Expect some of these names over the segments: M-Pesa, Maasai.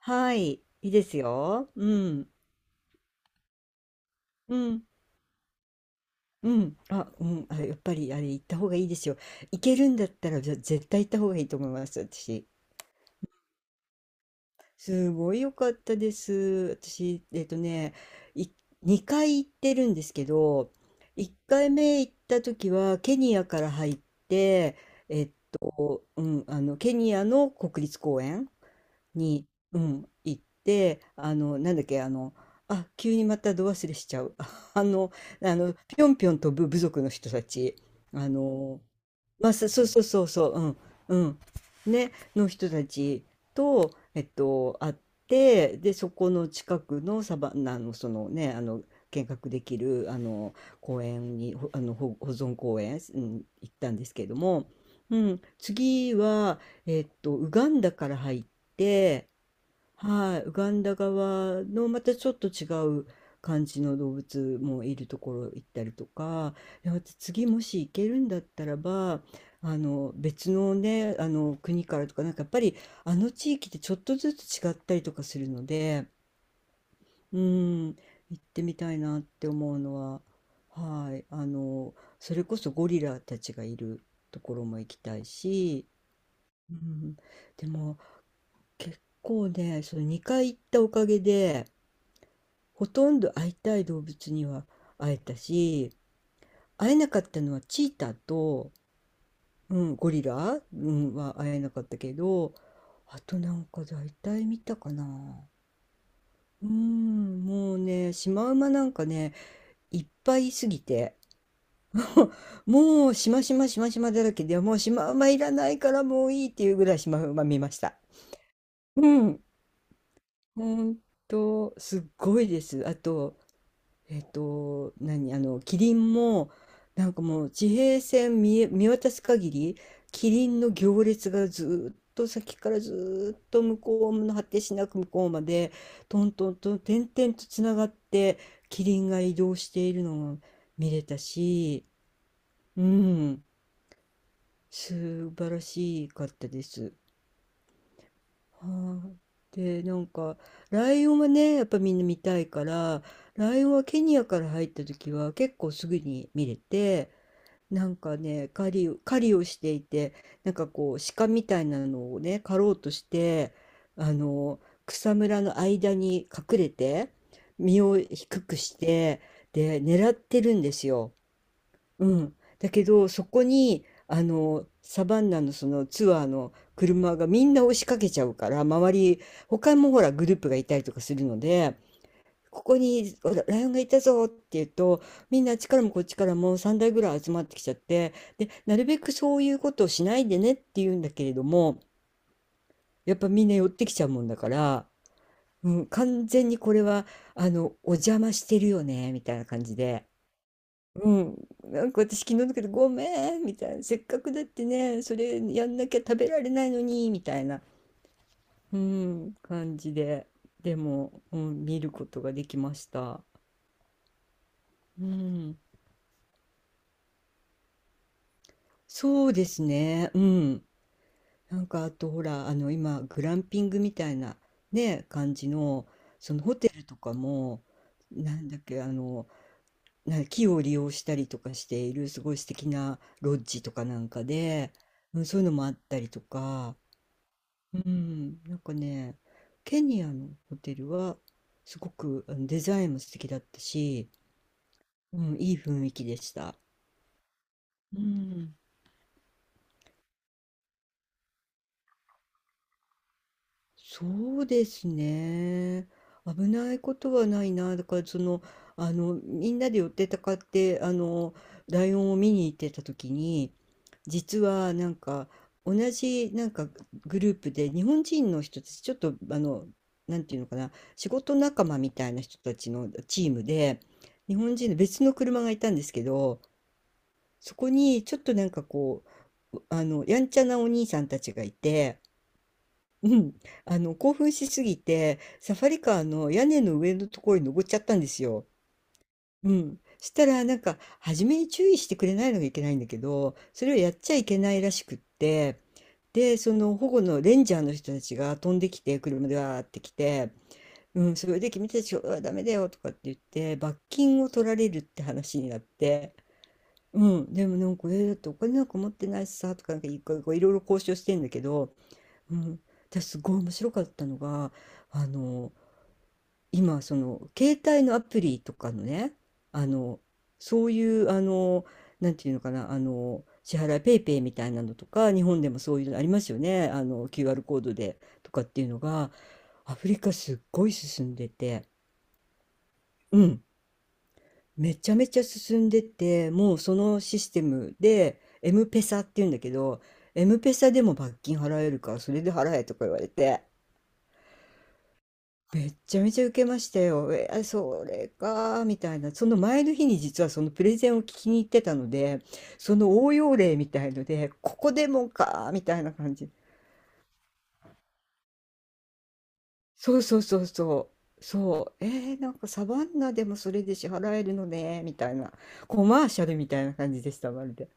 はい、いいですよ。うん、うん、やっぱりあれ行った方がいいですよ。行けるんだったら絶対行った方がいいと思います、私。すごい良かったです。私、い、2回行ってるんですけど、1回目行った時はケニアから入って、えっケニアの国立公園に、うん、行って、あの、なんだっけ、あの、あ、急にまたど忘れしちゃう。あの、ぴょんぴょん飛ぶ部族の人たち、あの、そうそうそうそう、うね、の人たちと、会って、で、そこの近くのサバンナの、見学できる、公園に、ほあの、ほ保存公園、行ったんですけれども、うん、次は、ウガンダから入って、はい、ウガンダ側のまたちょっと違う感じの動物もいるところ行ったりとか、いや、私次もし行けるんだったらば、別のね、あの国からとか、なんかやっぱりあの地域ってちょっとずつ違ったりとかするので、うん、行ってみたいなって思うのは、はい、あの、それこそゴリラたちがいるところも行きたいし、うん、でも結構ね、その2回行ったおかげで、ほとんど会いたい動物には会えたし、会えなかったのはチーターと、うん、ゴリラ、うん、は会えなかったけど、あとなんか大体見たかな。うん、もうね、シマウマなんかね、いっぱいいすぎて、もうしましましましまだらけで、もうシマウマいらないからもういいっていうぐらいシマウマ見ました。うん、ほんと、すっごいです。あと、えっと、何、あの、キリンも、なんかもう地平線見渡す限り、キリンの行列がずーっと先からずーっと向こうの果てしなく向こうまで、トントントン、点々とつながって、キリンが移動しているのが見れたし、うん、素晴らしかったです。はい。で、なんか、ライオンはね、やっぱみんな見たいから、ライオンはケニアから入った時は結構すぐに見れて、なんかね、狩りをしていて、なんかこう、鹿みたいなのをね、狩ろうとして、あの、草むらの間に隠れて、身を低くして、で、狙ってるんですよ。うん。だけど、そこに、あの、サバンナのそのツアーの車がみんな押しかけちゃうから、周り、他もほらグループがいたりとかするので、ここにほらライオンがいたぞって言うと、みんなあっちからもこっちからも3台ぐらい集まってきちゃって、で、なるべくそういうことをしないでねって言うんだけれども、やっぱみんな寄ってきちゃうもんだから、うん、完全にこれは、お邪魔してるよね、みたいな感じで。うん、なんか私昨日だけど「ごめん」みたいな「せっかくだってねそれやんなきゃ食べられないのに」みたいな、うん、感じででも、うん、見ることができました。うん、そうですね、うん、なんかあとほらあの今グランピングみたいなね感じのそのホテルとかもなんだっけあのな木を利用したりとかしているすごい素敵なロッジとかなんかで、うん、そういうのもあったりとか。うん、なんかね、ケニアのホテルはすごくあのデザインも素敵だったし、うん、いい雰囲気でした。うん。そうですね。危ないことはないな。だからその、あの、みんなで寄ってたかって、あの、ライオンを見に行ってた時に、実はなんか、同じなんかグループで日本人の人たち、ちょっとあの、なんていうのかな、仕事仲間みたいな人たちのチームで、日本人の別の車がいたんですけど、そこにちょっとなんかこう、あの、やんちゃなお兄さんたちがいて、うん、興奮しすぎて、サファリカーの屋根の上のところに登っちゃったんですよ。うん。したら、なんか、初めに注意してくれないのがいけないんだけど、それをやっちゃいけないらしくって、で、その保護のレンジャーの人たちが飛んできて、車でわーって来て、うん、それで君たちはダメだよとかって言って、罰金を取られるって話になって、うん、でもなんか、えーだってお金なんか持ってないしさとか、なんかいこういろいろ交渉してんだけど、うん、私すごい面白かったのがあの今その携帯のアプリとかのねあのそういうあのなんていうのかなあの支払いペイペイみたいなのとか日本でもそういうのありますよねあの QR コードでとかっていうのがアフリカすっごい進んでてうんめちゃめちゃ進んでてもうそのシステムでエムペサっていうんだけどエムペサでも罰金払えるからそれで払えとか言われて。めっちゃめちゃ受けましたよ。えー、それか、みたいな。その前の日に実はそのプレゼンを聞きに行ってたので、その応用例みたいので、ここでもか、みたいな感じ。そうそうそうそう。そう。えー、なんかサバンナでもそれで支払えるのね、みたいな。コマーシャルみたいな感じでした、まるで。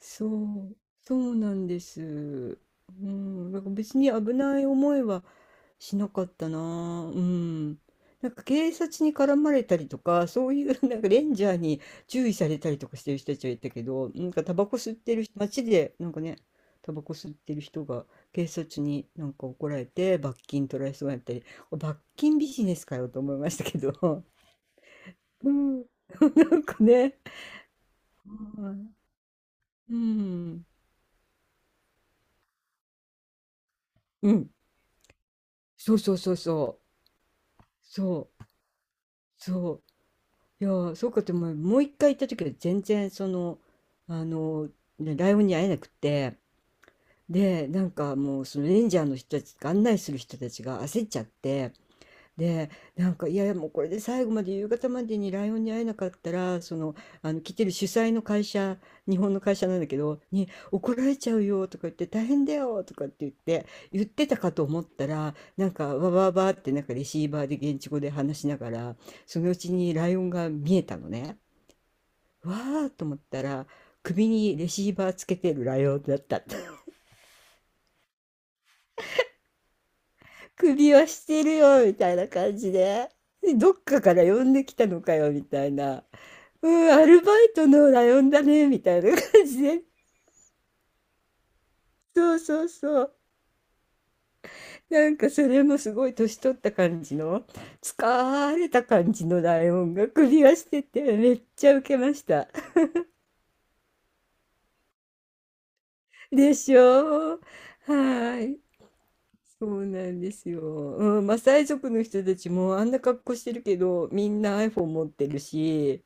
そう、そうなんです。うん、なんか別に危ない思いはしなかったな。うん。なんか警察に絡まれたりとか、そういう なんかレンジャーに注意されたりとかしてる人たちはいたけど、なんかタバコ吸ってる人、街でなんかね、タバコ吸ってる人が警察になんか怒られて罰金取られそうになったり、罰金ビジネスかよと思いましたけど、うん、なんかね、はいうん、うん。そうそうそうそう。そう。そう。いやー、そうかっても、もう一回行った時は全然その、あの、ねライオンに会えなくて、で、なんかもうそのレンジャーの人たち、案内する人たちが焦っちゃって、で、なんか、いやいや、もうこれで最後まで夕方までにライオンに会えなかったら、その、来てる主催の会社、日本の会社なんだけど、に怒られちゃうよとか言って、大変だよとかって言って、言ってたかと思ったら、なんか、わわわってなんかレシーバーで現地語で話しながら、そのうちにライオンが見えたのね。わーと思ったら、首にレシーバーつけてるライオンだった。首はしてるよみたいな感じで。でどっかから呼んできたのかよみたいな。うん、アルバイトのライオンだね、みたいな感じで。そうそうそう。なんかそれもすごい年取った感じの、疲れた感じのライオンが首輪してて、めっちゃウケました。でしょうはい。そうなんですよ。うん、マサイ族の人たちもあんな格好してるけど、みんな iPhone 持ってるし、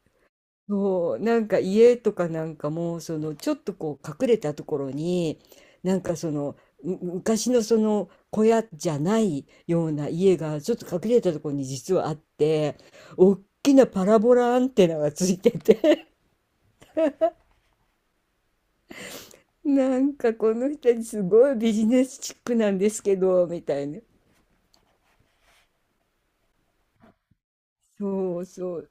そう、なんか家とかなんかも、そのちょっとこう隠れたところに、なんかその、昔のその小屋じゃないような家がちょっと隠れたところに実はあって、大きなパラボラアンテナがついてて、なんかこの人たちすごいビジネスチックなんですけど、みたいな。そうそう、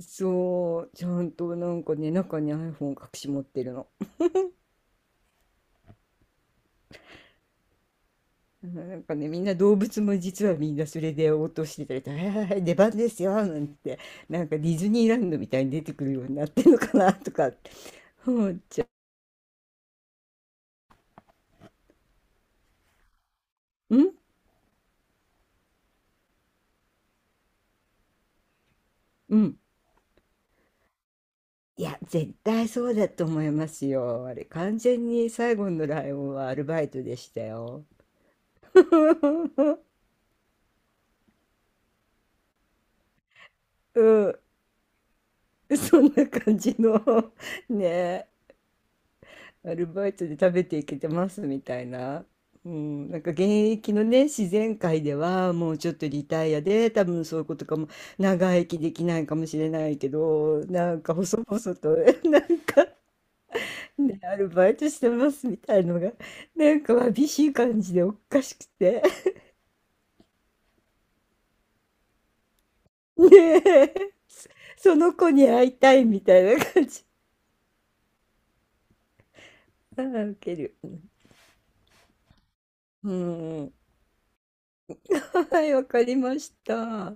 そう、ちゃんとなんかね、中に iPhone 隠し持ってるの。なんかね、みんな動物も実はみんなそれで応答してたりとか、はいはいはい出番ですよ、なんて、なんかディズニーランドみたいに出てくるようになってるのかなとかって思っちゃう。うんうん。いや、絶対そうだと思いますよ。あれ、完全に最後のライオンはアルバイトでしたよ。うん、そんな感じのね。アルバイトで食べていけてますみたいな。うん、なんか現役のね自然界ではもうちょっとリタイアで多分そういうことかも長生きできないかもしれないけどなんか細々と なんか、ね、アルバイトしてますみたいのがなんかわびしい感じでおかしくて ねえその子に会いたいみたいな感じああウケるうんはいわかりました。